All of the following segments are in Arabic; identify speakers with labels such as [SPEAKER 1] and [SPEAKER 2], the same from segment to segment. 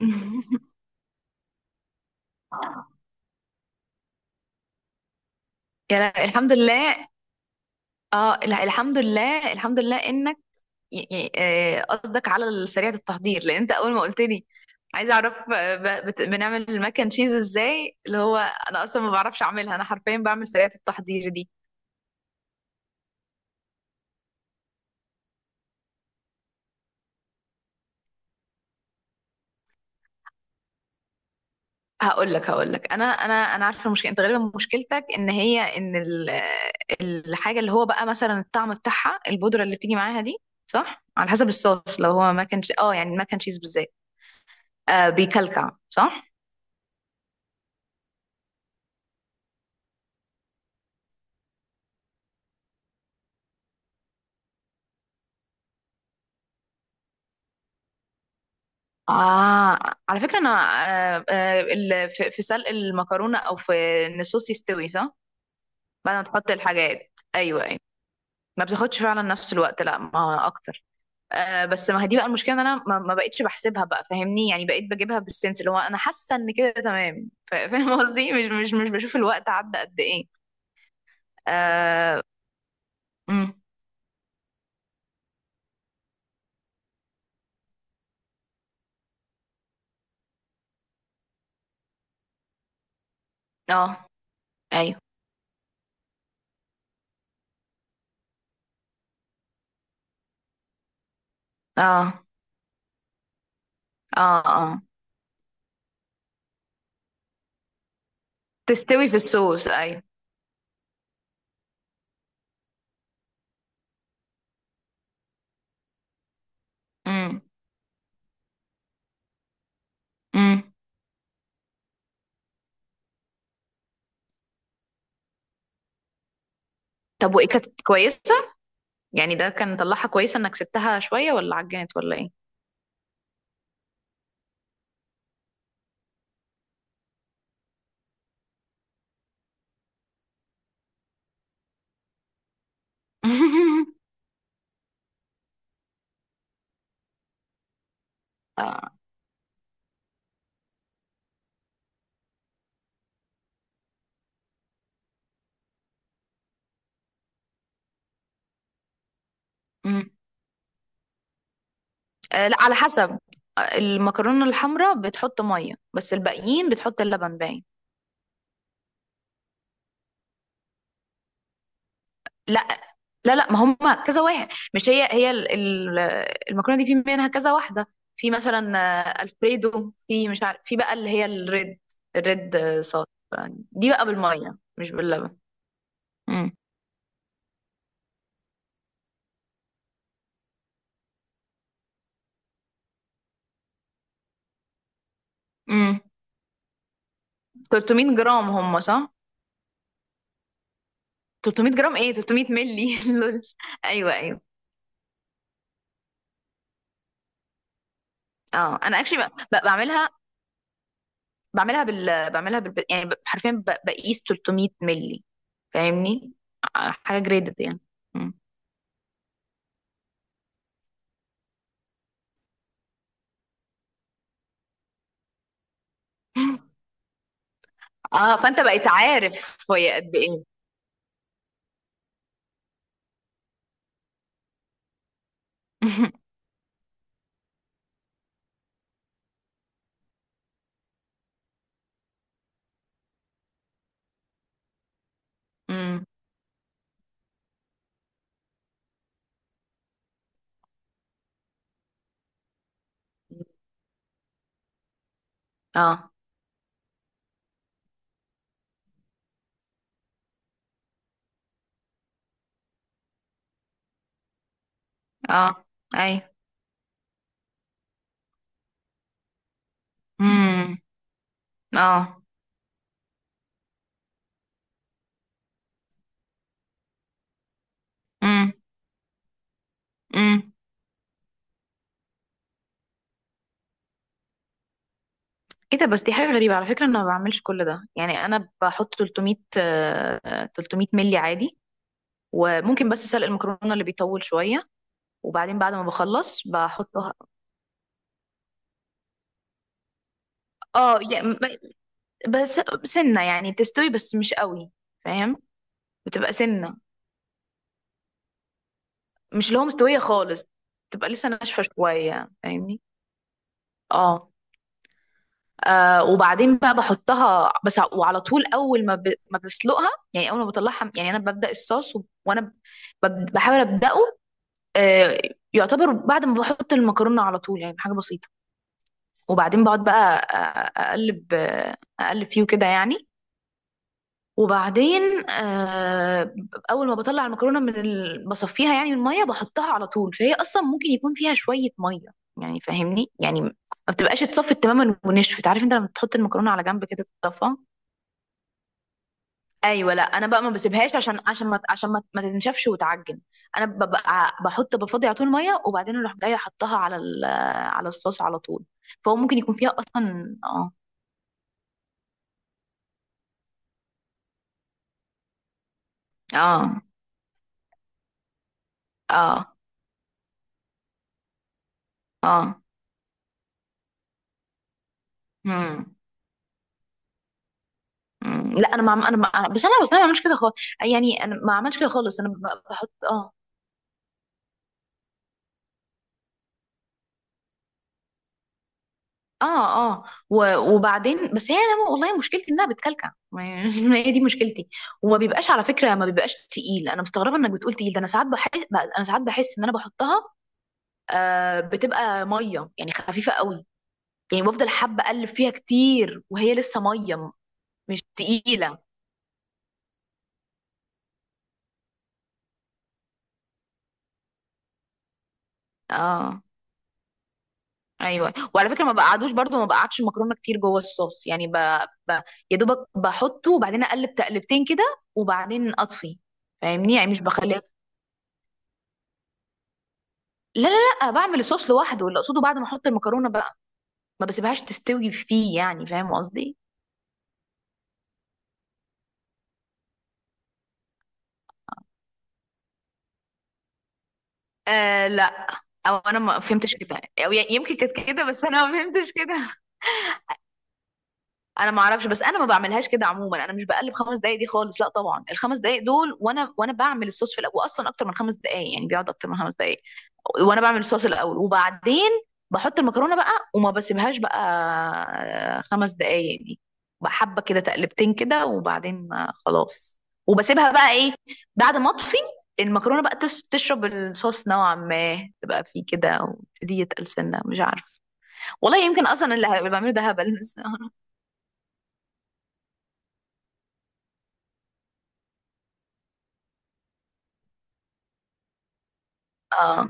[SPEAKER 1] يا لا، الحمد لله. اه لا، الحمد لله الحمد لله انك قصدك على سريعة التحضير، لان انت اول ما قلت لي عايزه اعرف بنعمل المكن تشيز ازاي. اللي هو انا اصلا ما بعرفش اعملها، انا حرفيا بعمل سريعة التحضير دي. هقول لك، انا عارفه المشكله. انت غالبا مشكلتك ان هي ان ال- آه، الحاجه اللي هو بقى مثلا الطعم بتاعها، البودره اللي بتيجي معاها دي، صح؟ على حسب الصوص، لو هو ماكن، يعني الماكن تشيز بالذات آه بيكلكع، صح؟ آه على فكرة أنا، في سلق المكرونة أو في إن الصوص يستوي، صح؟ بعد ما تحط الحاجات، أيوه أيوه. ما بتاخدش فعلا نفس الوقت، لا، ما أكتر. آه. بس ما هي دي بقى المشكلة، إن أنا ما بقتش بحسبها بقى، فاهمني؟ يعني بقيت بجيبها بالسنس، اللي هو أنا حاسة إن كده تمام، فاهم قصدي؟ مش بشوف الوقت عدى قد إيه. آه. أمم. آه. أيوه. آه. آه آه تستوي في الصوص، أيوه. أمم. أمم. طب وإيه، كانت كويسة؟ يعني ده كان طلعها كويسة انك سبتها شوية، ولا عجنت ولا ايه؟ آه. مم. آه لا، على حسب. آه، المكرونة الحمراء بتحط مية بس، الباقيين بتحط اللبن باين. لا. لا ما هم كذا واحد. مش هي هي ال- ال- المكرونة دي في منها كذا واحدة. في مثلا آه، الفريدو، في مش عارف، في بقى اللي هي الريد. الريد، آه، صوص. دي بقى بالمية مش باللبن. امم. امم. 300 جرام هم، صح؟ 300 جرام؟ ايه، 300 مللي. لول. ايوه ايوه. اه انا اكشلي بعملها. بعملها بال، بعملها بال، يعني ب- حرفيا، ب- بقيس 300 مللي، فاهمني؟ ع- حاجه جريدد يعني. مم. اه، فانت بقيت عارف هي قد ايه. مم. اه. اه. اي. امم. اه. امم. امم. ايه ده بس؟ دي حاجه غريبه على فكره، انا ما بعملش كل ده. يعني انا بحط 300 آه، 300 ملي عادي. وممكن بس سلق المكرونه اللي بيطول شويه، وبعدين بعد ما بخلص بحطها. اه. يا- م- بس سنة يعني، تستوي بس مش قوي، فاهم؟ بتبقى سنة، مش اللي هو مستوية خالص، بتبقى لسه ناشفة شوية، فاهمني؟ اه. آه وبعدين بقى بحطها، بس ع- وعلى طول، اول ما ب... ما بسلقها، يعني اول ما بطلعها، يعني انا ببدأ الصوص، و... وانا ب... بب- بحاول ابدأه. آه. يعتبر بعد ما بحط المكرونة على طول، يعني حاجة بسيطة. وبعدين بقعد بقى أ- أ- اقلب آه، اقلب فيه كده يعني. وبعدين آه، اول ما بطلع المكرونه من ال... بصفيها يعني من الميه، بحطها على طول، فهي اصلا ممكن يكون فيها شويه ميه، يعني فاهمني؟ يعني ما بتبقاش اتصفت تماما ونشفت. عارف انت لما تحط المكرونه على جنب كده تتصفى؟ ايوه. لا انا بقى ما بسيبهاش عشان، عشان ما، عشان ما تنشفش وتعجن. انا ببقى بحط، بفضي على طول ميه، وبعدين اروح جايه احطها على ال... على الصوص على طول. فهو ممكن يكون فيها اصلا. اه. اه. اه. اه. مم. مم، لا انا ما، انا ما، بس انا، بس انا ما بعملش كده خالص. يعني انا ما عملتش كده خالص. انا ب- بحط. اه. اه. اه. و- وبعدين، بس هي، انا والله مشكلتي انها بتكلكع ما. هي دي مشكلتي. وما بيبقاش على فكره، ما بيبقاش تقيل. انا مستغربه انك بتقول تقيل ده. انا ساعات بحس، انا ساعات بحس ان انا بحطها آه بتبقى ميه، يعني خفيفه قوي. يعني بفضل حابه اقلب فيها كتير وهي لسه ميه، مش تقيله. اه. ايوه، وعلى فكره ما بقعدوش برضو، ما بقعدش المكرونه كتير جوه الصوص، يعني ب... ب... يا دوبك بحطه وبعدين اقلب تقلبتين كده وبعدين اطفي، فاهمني؟ يعني مش بخليها. لا. لا بعمل الصوص لوحده، اللي اقصده بعد ما احط المكرونه بقى ما بسيبهاش تستوي فيه، يعني فاهم قصدي؟ آه لا. او انا ما فهمتش كده. او ي- يمكن كانت كده بس انا ما فهمتش كده. انا ما اعرفش، بس انا ما بعملهاش كده عموما. انا مش بقلب خمس دقايق دي خالص، لا طبعا. الخمس دقايق دول، وانا بعمل الصوص في الاول، واصلا اكتر من خمس دقايق. يعني بيقعد اكتر من خمس دقايق وانا بعمل الصوص الاول، وبعدين بحط المكرونه بقى، وما بسيبهاش بقى خمس دقايق دي. بحبه كده تقلبتين كده، وبعدين خلاص. وبسيبها بقى ايه، بعد ما اطفي، المكرونه بقى تس- تشرب الصوص نوعا ما، تبقى فيه كده ويبتدي يتقل سنه، مش عارف والله. يمكن اصلا اللي هبقى بعمله ده هبل، بس. اه.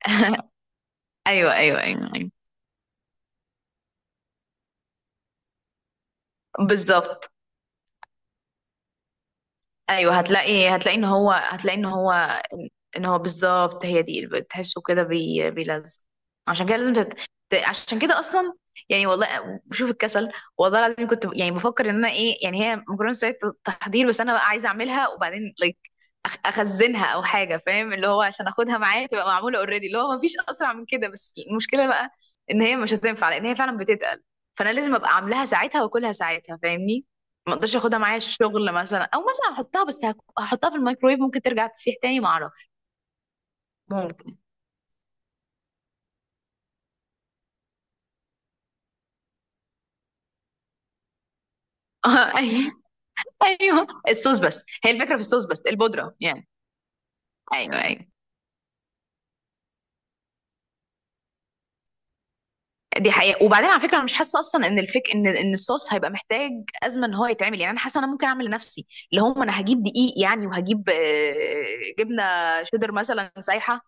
[SPEAKER 1] ايوه. بالظبط. ايوه، هتلاقي ان هو، هتلاقي ان هو، ان هو بالظبط، هي دي اللي بتحسه كده، بي... بيلزق. عشان كده لازم تت... ت- عشان كده اصلا. يعني والله بشوف الكسل، والله العظيم كنت ب- يعني بفكر ان انا ايه، يعني هي مكرونه سريعه التحضير، بس انا بقى عايزه اعملها وبعدين لايك أخ... اخزنها او حاجه، فاهم؟ اللي هو عشان اخدها معايا، تبقى معموله اوريدي، اللي هو مفيش اسرع من كده. بس المشكله بقى ان هي مش هتنفع، لان هي فعلا بتتقل. فانا لازم ابقى عاملاها ساعتها واكلها ساعتها، فاهمني؟ ما اقدرش اخدها معايا الشغل مثلا، او مثلا احطها، بس هك- هحطها في الميكرويف، ممكن ترجع تسيح تاني، ما اعرف. ممكن. آه، ايوه ايوه. الصوص بس. هي الفكره في الصوص بس، البودره يعني. ايوه ايوه. دي حقيقة. وبعدين على فكرة أنا مش حاسة أصلا إن الفك، إن إن الصوص هيبقى محتاج أزمة إن هو يتعمل. يعني أنا حاسة أنا ممكن أعمل لنفسي اللي هم، أنا هجيب دقيق يعني، وهجيب آه، جبنة شيدر مثلا سايحة،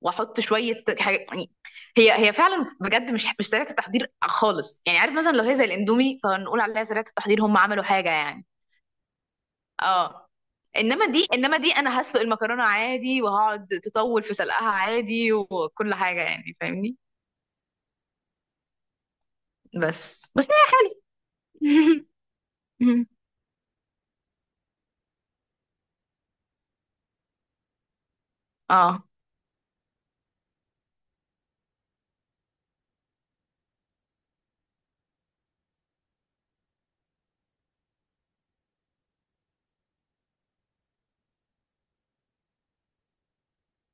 [SPEAKER 1] وأحط شوية حاجة يعني. هي هي فعلا بجد مش مش سريعة التحضير خالص. يعني عارف مثلا لو هي زي الإندومي فنقول عليها سريعة التحضير، هم عملوا حاجة يعني. اه. انما دي، انما دي انا هسلق المكرونه عادي وهقعد تطول في سلقها عادي وكل حاجه يعني، فاهمني؟ بس بس هي حلو. اه.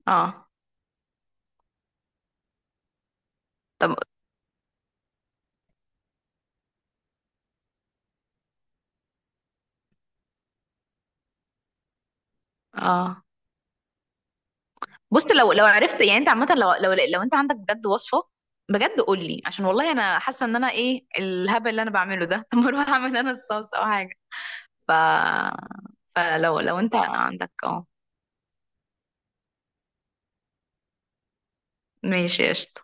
[SPEAKER 1] اه. طب. اه. بص، لو لو عرفت يعني، انت عامه، لو لو لو انت عندك بجد وصفه بجد قول لي، عشان والله انا حاسه ان انا ايه الهبل اللي انا بعمله ده. طب ما اروح اعمل انا الصوص او حاجه. ف، فلو لو انت عندك اه. ماشي، قشطه.